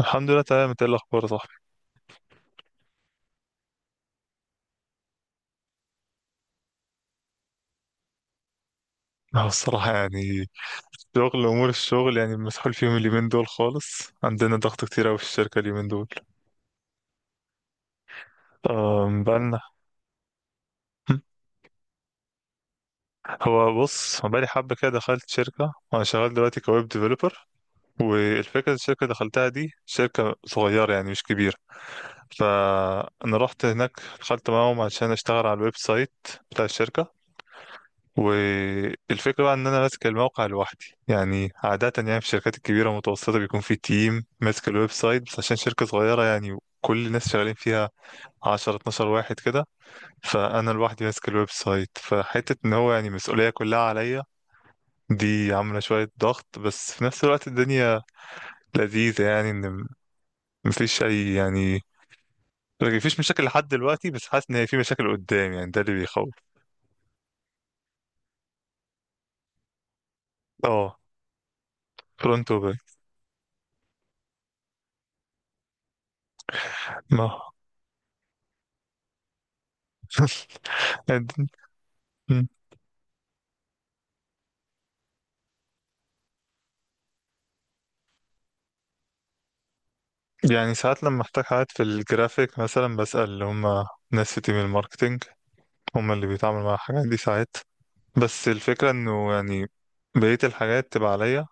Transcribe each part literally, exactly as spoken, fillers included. الحمد لله تمام. انت ايه الاخبار يا صاحبي؟ اه الصراحه يعني شغل، امور الشغل يعني مسحول فيهم اليومين دول خالص. عندنا ضغط كتير قوي في الشركه اليومين دول. أم بقالنا. هو بص هو بقالي حبه كده، دخلت شركه، انا شغال دلوقتي كويب ديفلوبر. والفكره اللي الشركه اللي دخلتها دي شركه صغيره يعني، مش كبيره. فانا رحت هناك دخلت معاهم عشان اشتغل على الويب سايت بتاع الشركه. والفكرة بقى إن أنا ماسك الموقع لوحدي. يعني عادة يعني في الشركات الكبيرة المتوسطة بيكون في تيم ماسك الويب سايت، بس عشان شركة صغيرة يعني كل الناس شغالين فيها عشرة اتناشر واحد كده. فأنا لوحدي ماسك الويب سايت، فحتة إن هو يعني المسؤولية كلها عليا. دي عاملة شوية ضغط، بس في نفس الوقت الدنيا لذيذة يعني. إن م- مفيش أي يعني مفيش مشاكل لحد دلوقتي، بس حاسس إن هي في مشاكل قدام يعني، ده اللي بيخوف. اه، فرونت وباك. ما يعني ساعات لما احتاج حاجات في الجرافيك مثلا بسأل اللي هم ناس في تيم الماركتينج، هم اللي بيتعاملوا مع الحاجات دي ساعات. بس الفكرة انه يعني بقية الحاجات تبقى عليا،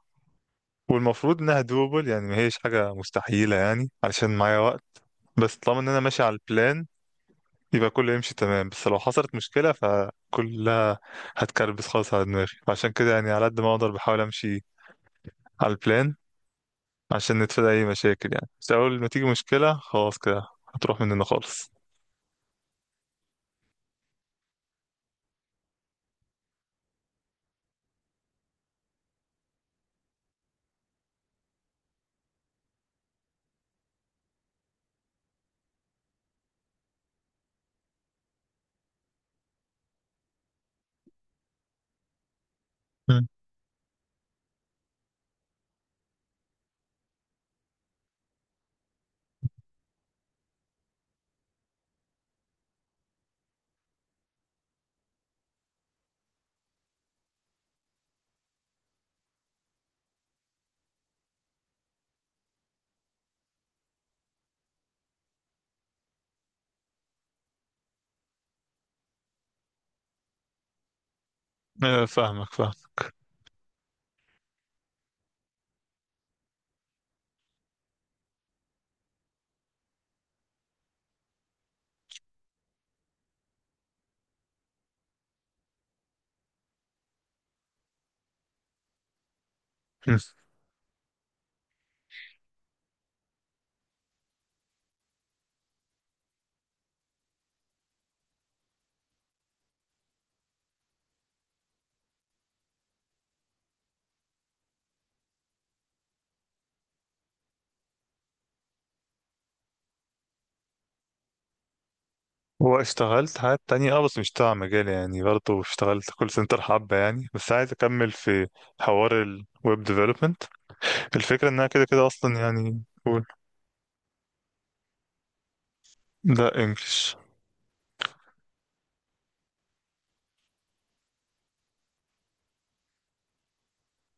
والمفروض انها دوبل. يعني ما هيش حاجة مستحيلة يعني علشان معايا وقت. بس طالما ان انا ماشي على البلان يبقى كله يمشي تمام. بس لو حصلت مشكلة فكلها هتكربس خالص على دماغي. فعشان كده يعني على قد ما اقدر بحاول امشي على البلان عشان نتفادى اي مشاكل يعني. بس اول ما تيجي مشكلة خلاص كده هتروح مننا خالص. آه، فاهمك فاهمك. مم. هو اشتغلت حاجات تانية اه، بس مش تبع مجالي يعني. برضه اشتغلت كول سنتر حبة يعني، بس عايز اكمل في حوار الويب ديفلوبمنت. الفكرة انها كده كده اصلا يعني، قول. لا، انجلش.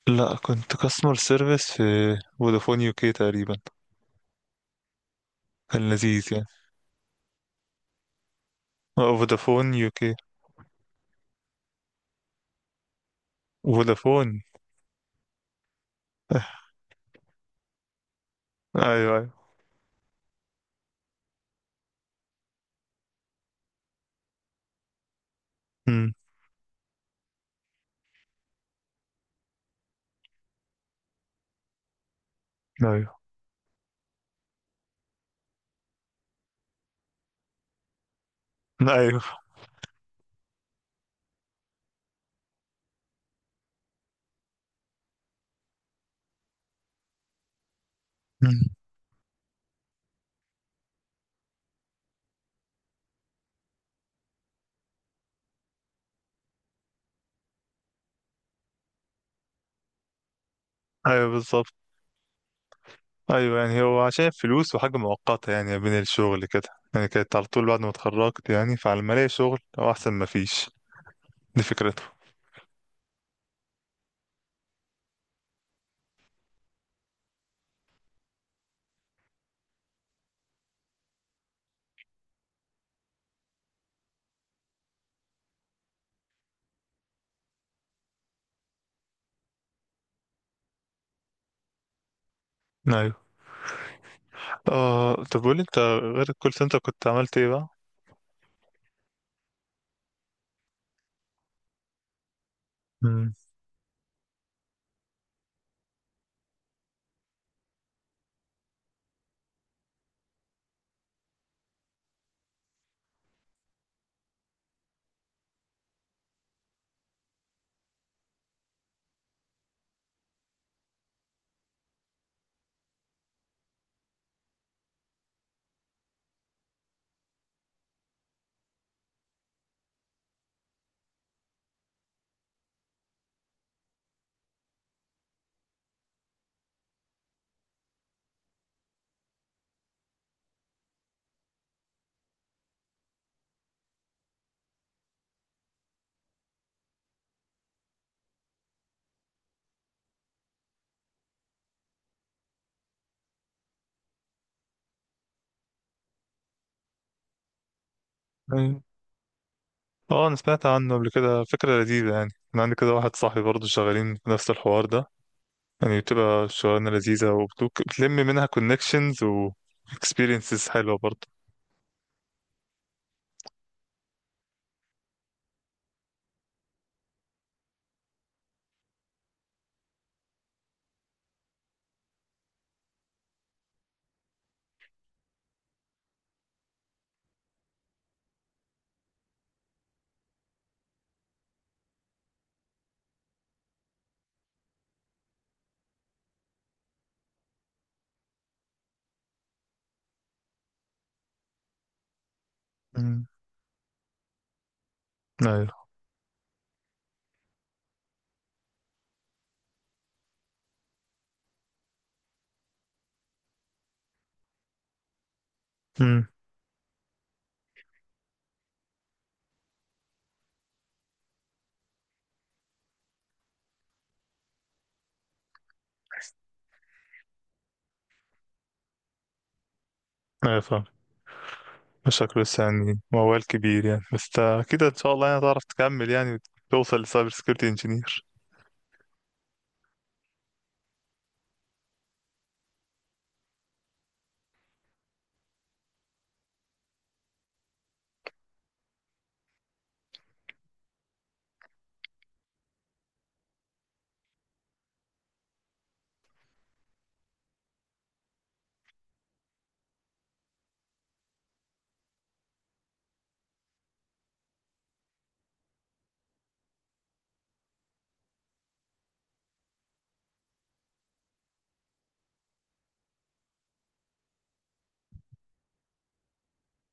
لا، كنت كاستمر سيرفيس في فودافون يو كي تقريبا. كان لذيذ يعني. اه، فودافون يو كي. فودافون. ايوه ايوه. امم. ايوه ايوه. مم. ايوه بالظبط. ايوه يعني هو عشان فلوس وحاجه مؤقته يعني بين الشغل كده. يعني كانت على طول بعد ما اتخرجت يعني، فعلى ما الاقي شغل هو احسن ما فيش. دي فكرته. ايوه. اه طب قولي انت، غير الكول سنتر كنت عملت ايه بقى؟ مم. ايوه، اه انا سمعت عنه قبل كده. فكره لذيذه يعني. انا عندي كده واحد صاحبي برضه شغالين في نفس الحوار ده، يعني بتبقى شغلانه لذيذه وبتلم منها كونكشنز و experiences حلوه برضه. امم. ايوه. امم. ايوه. شكله لسه يعني موال كبير يعني، بس تا- كده ان شاء الله يعني هتعرف تكمل يعني وتوصل لسايبر سكيورتي انجينير.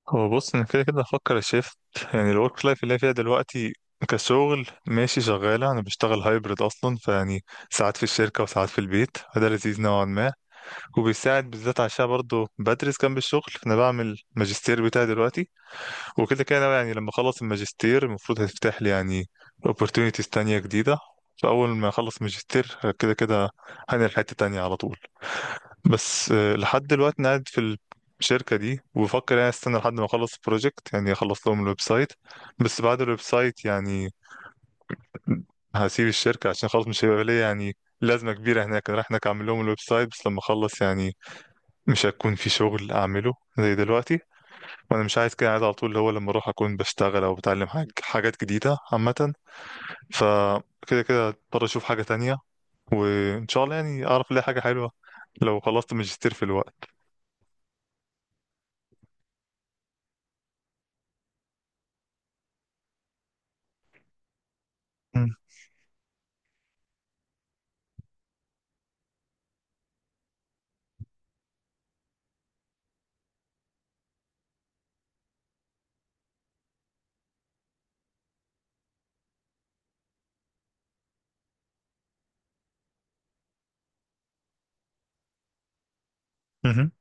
هو بص انا كده كده هفكر الشيفت. يعني الورك لايف اللي أنا فيها دلوقتي كشغل ماشي شغالة. أنا بشتغل هايبرد أصلا، فيعني ساعات في الشركة وساعات في البيت، فده لذيذ نوعا ما. وبيساعد بالذات عشان برضه بدرس جنب الشغل، أنا بعمل ماجستير بتاعي دلوقتي. وكده كده أنا يعني لما اخلص الماجستير المفروض هتفتح لي يعني opportunities تانية جديدة. فأول ما أخلص ماجستير كده كده هنقل حتة تانية على طول. بس آه، لحد دلوقتي أنا قاعد في الشركة دي وبفكر يعني استنى لحد ما أخلص البروجكت، يعني أخلص لهم الويب سايت. بس بعد الويب سايت يعني هسيب الشركة عشان خلاص مش هيبقى ليا يعني لازمة كبيرة هناك. أنا رايح هناك أعمل لهم الويب سايت، بس لما أخلص يعني مش هيكون في شغل أعمله زي دلوقتي. وانا مش عايز كده، عايز على طول اللي هو لما اروح اكون بشتغل او بتعلم حاج... حاجات جديده عامه. فكده كده اضطر اشوف حاجه تانية، وان شاء الله يعني اعرف الاقي حاجه حلوه لو خلصت ماجستير في الوقت. مم. مهم.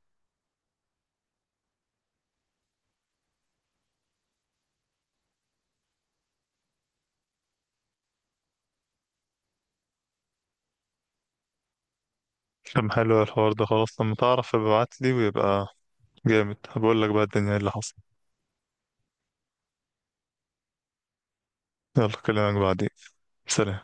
طب حلو، الحوار ده خلاص لما تعرف ابعت لي ويبقى جامد. هبقول لك بقى الدنيا إيه اللي حصل. يلا، كلامك بعدين. سلام.